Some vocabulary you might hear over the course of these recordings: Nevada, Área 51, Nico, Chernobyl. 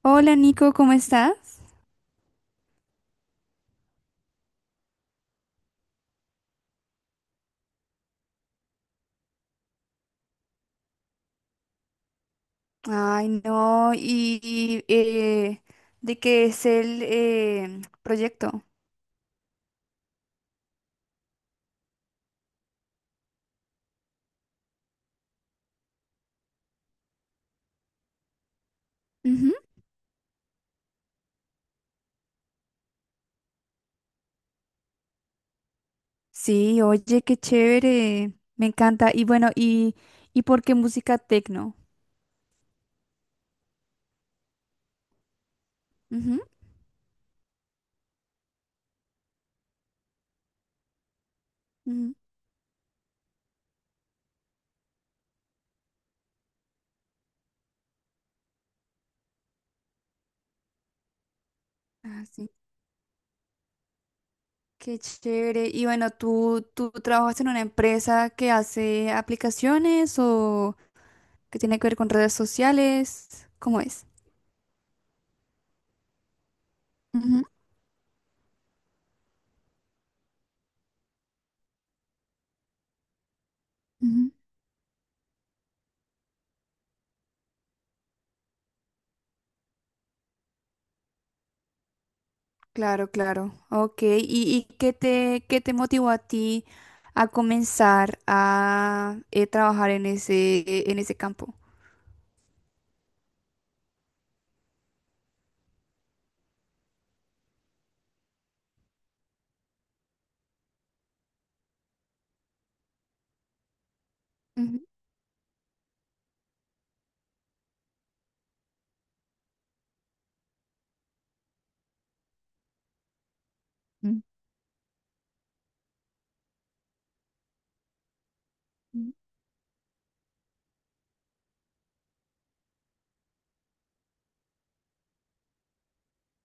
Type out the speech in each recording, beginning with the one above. Hola Nico, ¿cómo estás? Ay, no, ¿de qué es el proyecto? Ujú. Sí, oye, qué chévere, me encanta. Y bueno, ¿y por qué música tecno? Ujú, ujú. Ah, sí, qué chévere. Y bueno, ¿tú trabajas en una empresa que hace aplicaciones o que tiene que ver con redes sociales? ¿Cómo es? Ujú, ujú. Claro, claro. Ok. ¿Y qué te motivó a ti a comenzar a trabajar en ese campo? Ujú, ujú, ujú.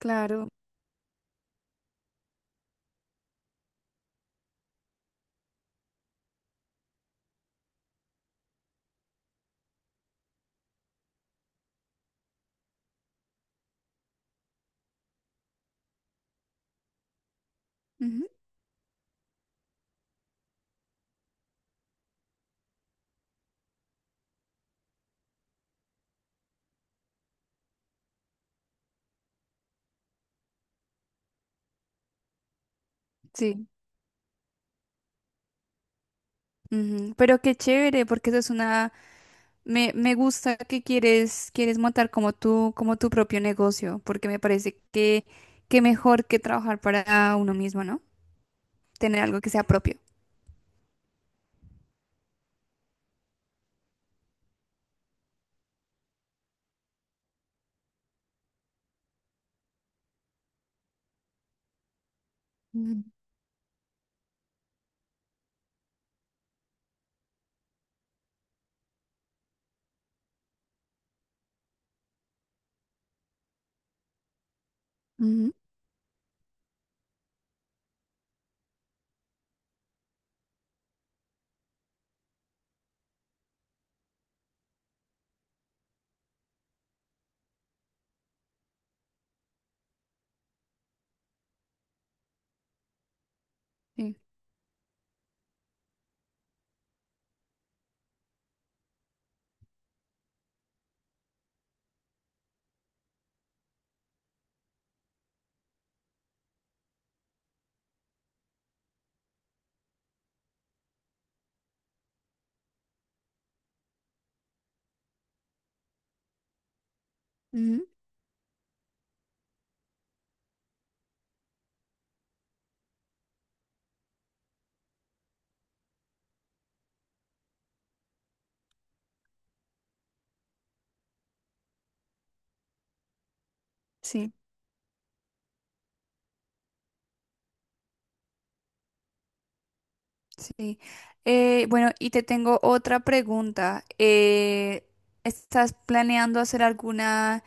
Claro, ujú, sí. Ujú, pero qué chévere, porque me gusta que quieres montar como tu propio negocio, porque me parece que mejor que trabajar para uno mismo, ¿no? Tener algo que sea propio. Ujú. Ujú, sí. Ujú, sí. Sí. Bueno, y te tengo otra pregunta. ¿Estás planeando hacer alguna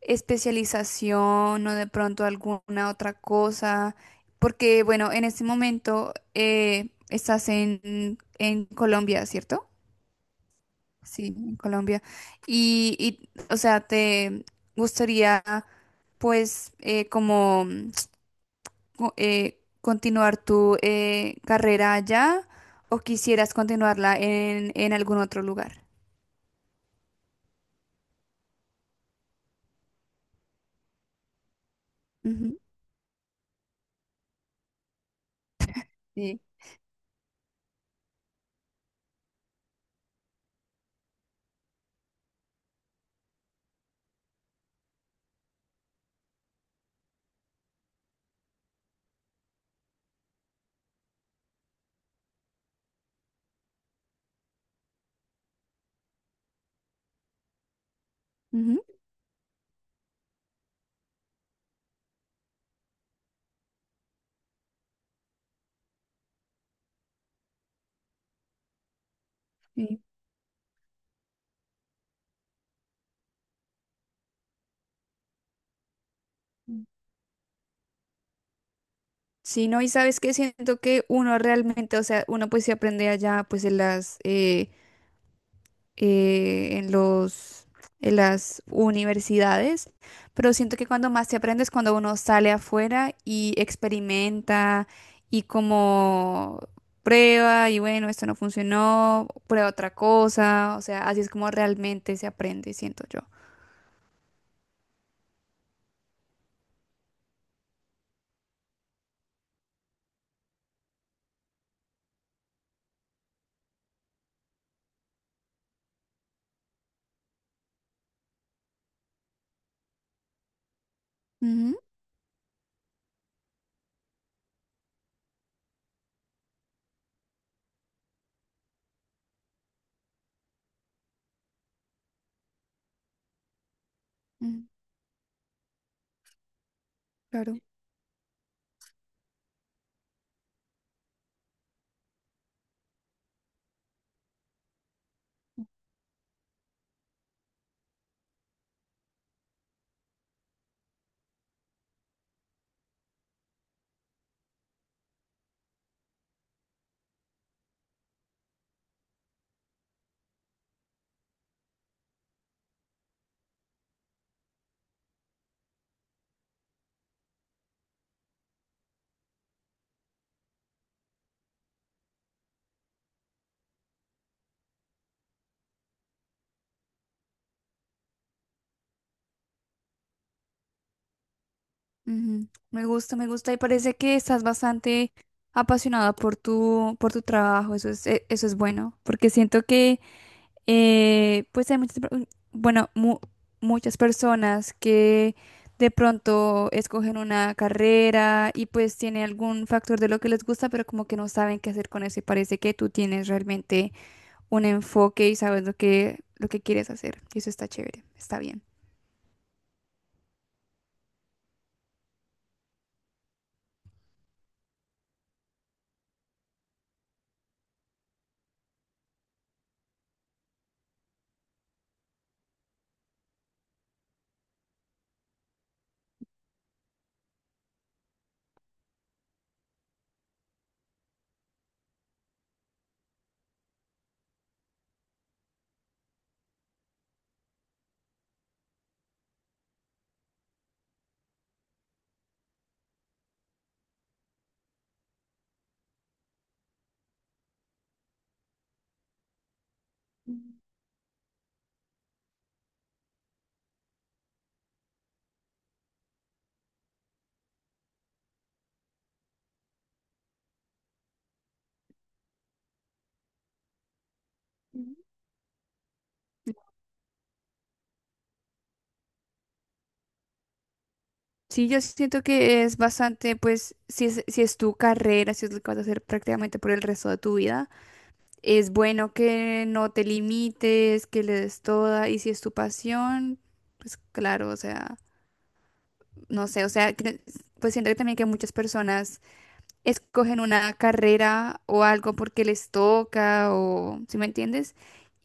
especialización o de pronto alguna otra cosa? Porque, bueno, en este momento estás en Colombia, ¿cierto? Sí, en Colombia. Y, o sea, ¿te gustaría, pues, como continuar tu carrera allá o quisieras continuarla en algún otro lugar? Ujú, sí, ujú. Sí. Mm. Sí, no, y sabes que siento que uno realmente, o sea, uno pues se aprende allá pues eh, en los, en las universidades, pero siento que cuando más te aprendes, cuando uno sale afuera y experimenta y como prueba y bueno, esto no funcionó, prueba otra cosa, o sea, así es como realmente se aprende, siento yo. Ujú, mm, claro. Ujú. Me gusta y parece que estás bastante apasionada por tu, trabajo, eso es bueno, porque siento que pues hay bueno, muchas personas que de pronto escogen una carrera y pues tiene algún factor de lo que les gusta, pero como que no saben qué hacer con eso y parece que tú tienes realmente un enfoque y sabes lo que, quieres hacer. Y eso está chévere, está bien. Ujú. Sí, yo siento que es bastante, pues, si es tu carrera, si es lo que vas a hacer prácticamente por el resto de tu vida, es bueno que no te limites, que le des toda, y si es tu pasión, pues claro, o sea, no sé, o sea, pues siento que también que muchas personas escogen una carrera o algo porque les toca, ¿si me entiendes?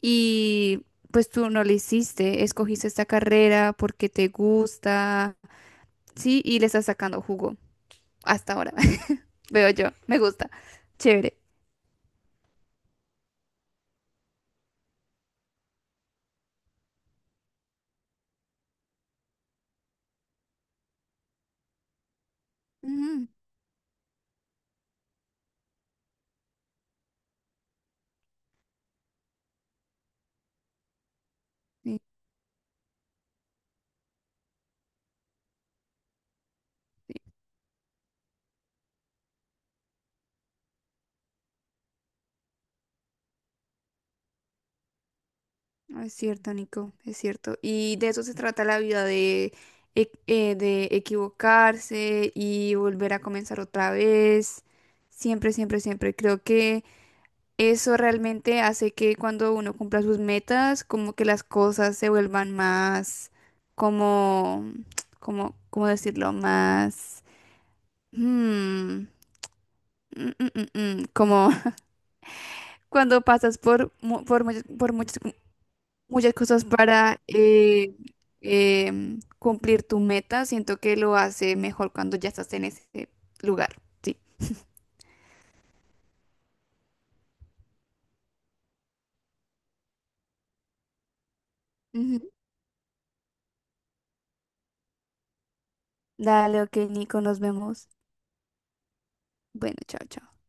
Y pues tú no lo hiciste, escogiste esta carrera porque te gusta, sí, y le estás sacando jugo hasta ahora. Veo yo, me gusta. Chévere. Mm, sí, no, es cierto, Nico, es cierto. Y de eso se trata la vida, de equivocarse y volver a comenzar otra vez. Siempre, siempre, siempre. Creo que eso realmente hace que cuando uno cumpla sus metas, como que las cosas se vuelvan más, como, como, ¿cómo decirlo? Más... mm, mm, mm, como cuando pasas por muchas muchas cosas para cumplir tu meta. Siento que lo hace mejor cuando ya estás en ese lugar. Sí. Ujú. Dale, ok, Nico, nos vemos. Bueno, chao, chao.